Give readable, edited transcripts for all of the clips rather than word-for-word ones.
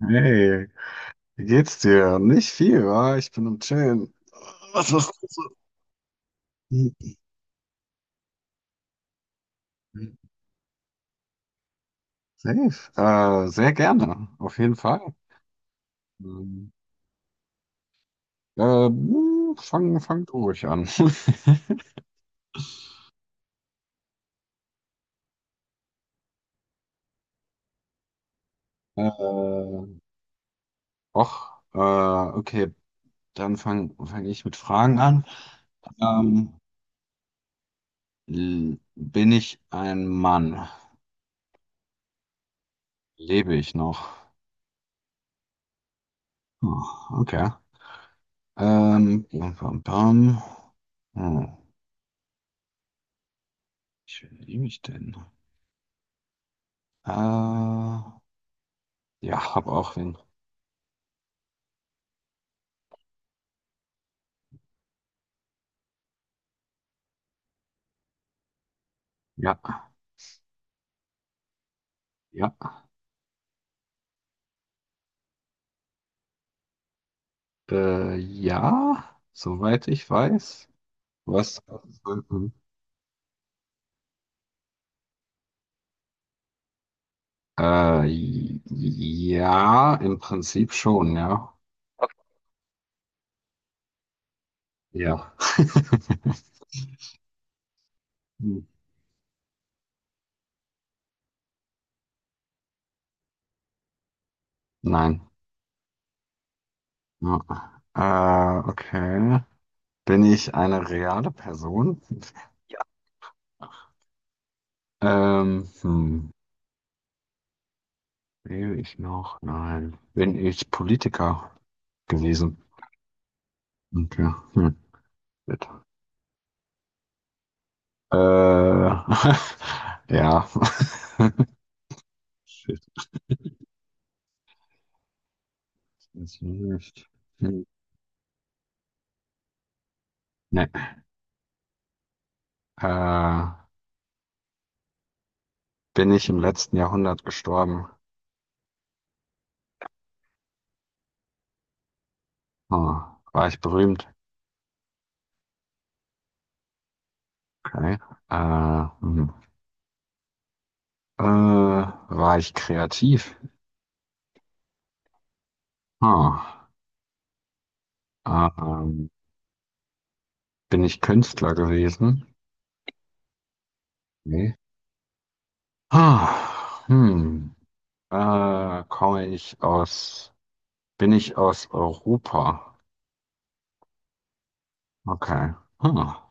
Hey, wie geht's dir? Nicht viel, wa? Ich bin am Chillen. Was machst du so? Hm, safe. Sehr gerne, auf jeden Fall. Ähm, fang du ruhig an. Äh, Och, okay, dann fang ich mit Fragen an. Ähm, Bin ich ein Mann? Lebe ich noch? Hm, okay. Bam, bam, bam. Hm, wie liebe ich denn? Äh, Ja, habe auch wen. Ja, ja. Ja, soweit ich weiß. Was? Äh, ja, im Prinzip schon, ja. Okay. Ja. Hm. Nein. Ja. Okay. Bin ich eine reale Person? Ja. Hm. Lebe ich noch? Nein. Bin ich Politiker gewesen? Okay. Hm. Äh, ja. Shit, jetzt nicht. Hm, nee. Äh, Bin ich im letzten Jahrhundert gestorben? Hm. War ich berühmt? Okay. Äh, hm. War ich kreativ? Hm. Ähm, Bin ich Künstler gewesen? Nee. Ah, hm. Äh, komme ich aus, bin ich aus Europa? Okay. Hm.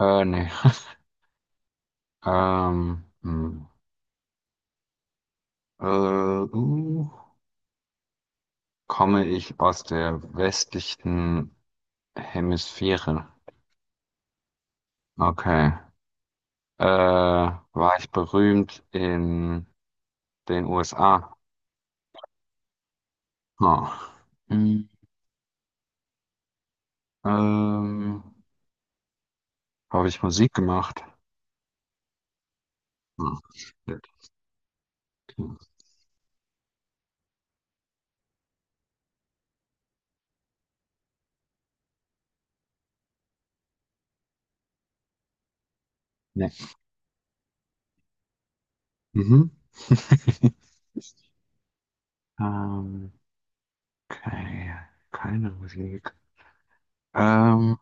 Nee. Ähm, hm. Äh, uh, Komme ich aus der westlichen Hemisphäre? Okay. War ich berühmt in den USA? Hm. Hm, Ähm, habe ich Musik gemacht? Hm. Shit. Nee. Mhm. Ähm, okay. Keine Musik. Ähm,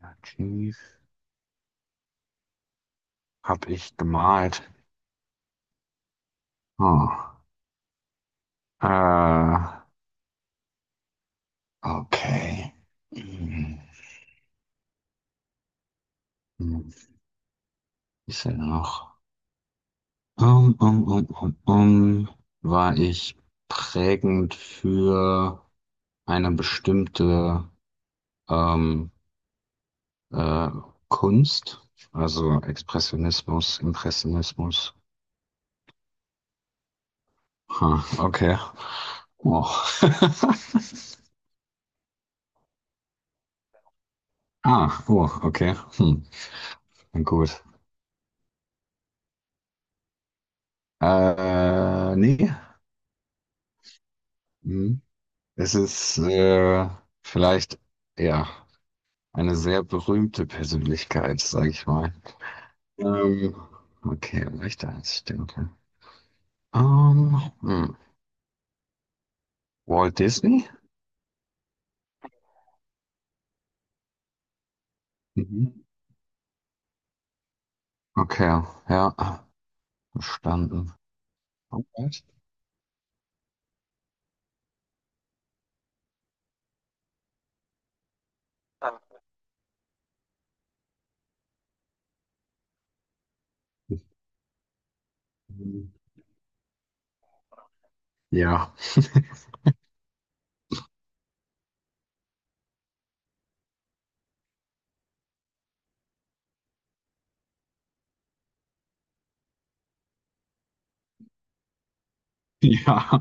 ja, Jeez. Hab ich gemalt? Hm. Äh, okay. Mhm. Hm, ist er noch? Um, um, um, um, um, War ich prägend für eine bestimmte ähm, äh, Kunst, also Expressionismus, Impressionismus. Ha, okay. Oh. Oh, okay. Hm, gut. Nee. Hm. Es ist vielleicht, ja, eine sehr berühmte Persönlichkeit, sage ich mal. Ähm, okay, leichter als ich denke. Ähm, hm. Walt Disney? Mhm. Okay, ja, verstanden. Oh, Ähm, ja. Ja.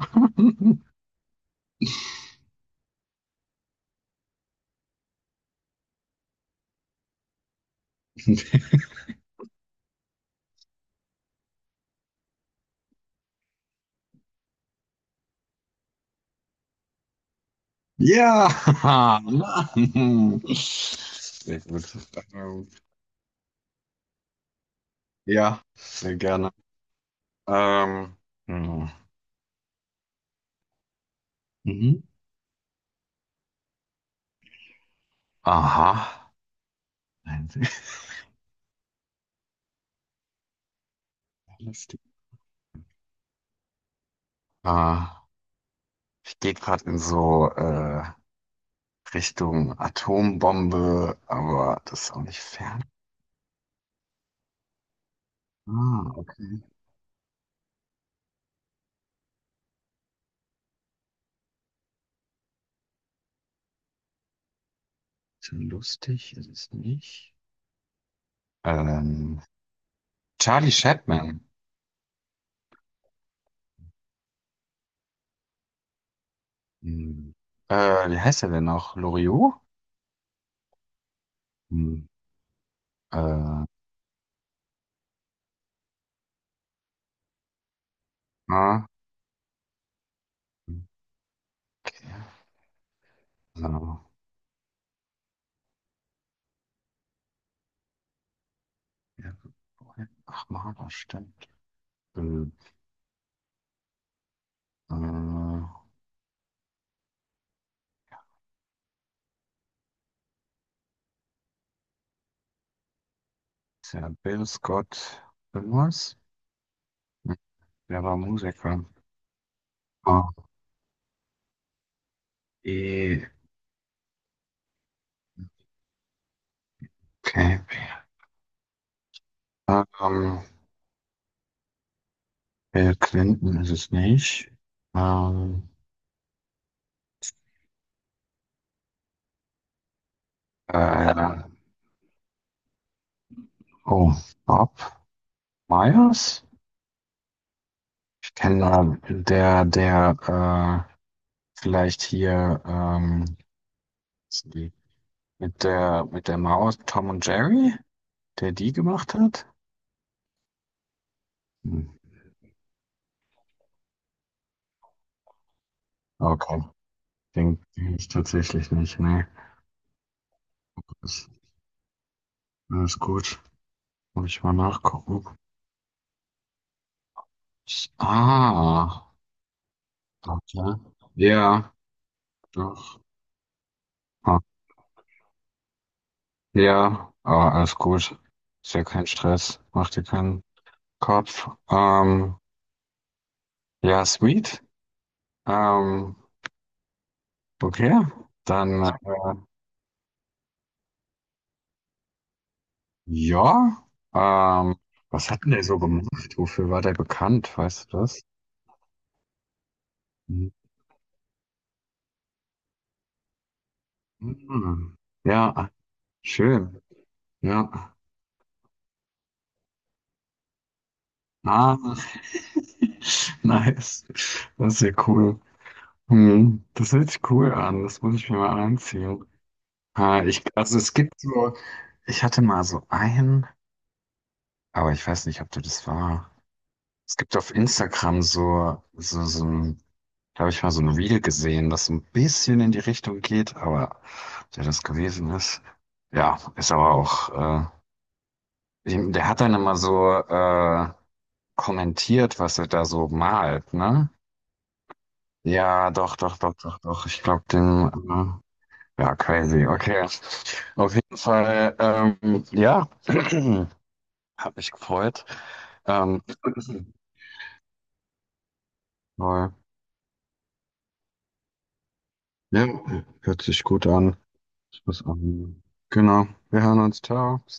Ja, Mann. Sehr gut. Ähm, ja, sehr gerne. Ähm, hm. Mhm. Aha. Nein, sehr lustig. äh, Ich gehe gerade in so Richtung Atombombe, aber das ist auch nicht fern. Ah, okay. Schon lustig ist es nicht. Ähm, Charlie Chaplin. Hm. Wie heißt er denn noch? Loriot? Hm. Äh, ah, okay. So. Ja, ach, mal, das stimmt. Äh, äh, Ist ja Bill Scott irgendwas? Hm, der war Musiker. Ah, E. Okay. Ähm, Bill Clinton ist es nicht. Ähm, äh, oh, Bob Myers? Ich kenne der, der vielleicht hier die- mit der Maus Tom und Jerry, der die gemacht hat? Hm, okay, den kenne ich tatsächlich nicht. Nee, alles, alles gut. Muss ich mal nachgucken. Ah, okay. Ja, doch. Ah, ja, aber alles gut. Ist ja kein Stress. Mach dir keinen Kopf. Ja, sweet. Ähm, okay. Dann, ja. Ähm, Was hat denn der so gemacht? Wofür war der bekannt? Weißt du das? Mhm. Ja, schön. Ja. Ah, nice. Das ist ja cool. Hm, das hört sich cool an. Das muss ich mir mal anziehen. Ah, ich, also es gibt so, ich hatte mal so einen. Aber ich weiß nicht, ob du das war. Es gibt auf Instagram so ein, da habe ich mal so ein Reel gesehen, das so ein bisschen in die Richtung geht, aber ob der das gewesen ist. Ja, ist aber auch, äh, der hat dann immer so kommentiert, was er da so malt, ne? Ja, doch. Ich glaube, den, ja, crazy. Okay. Auf jeden Fall, ja, hat mich gefreut. Ähm, voll. Ja, hört sich gut an. Ich muss an. Genau. Wir hören uns. Ciao. Bis dann.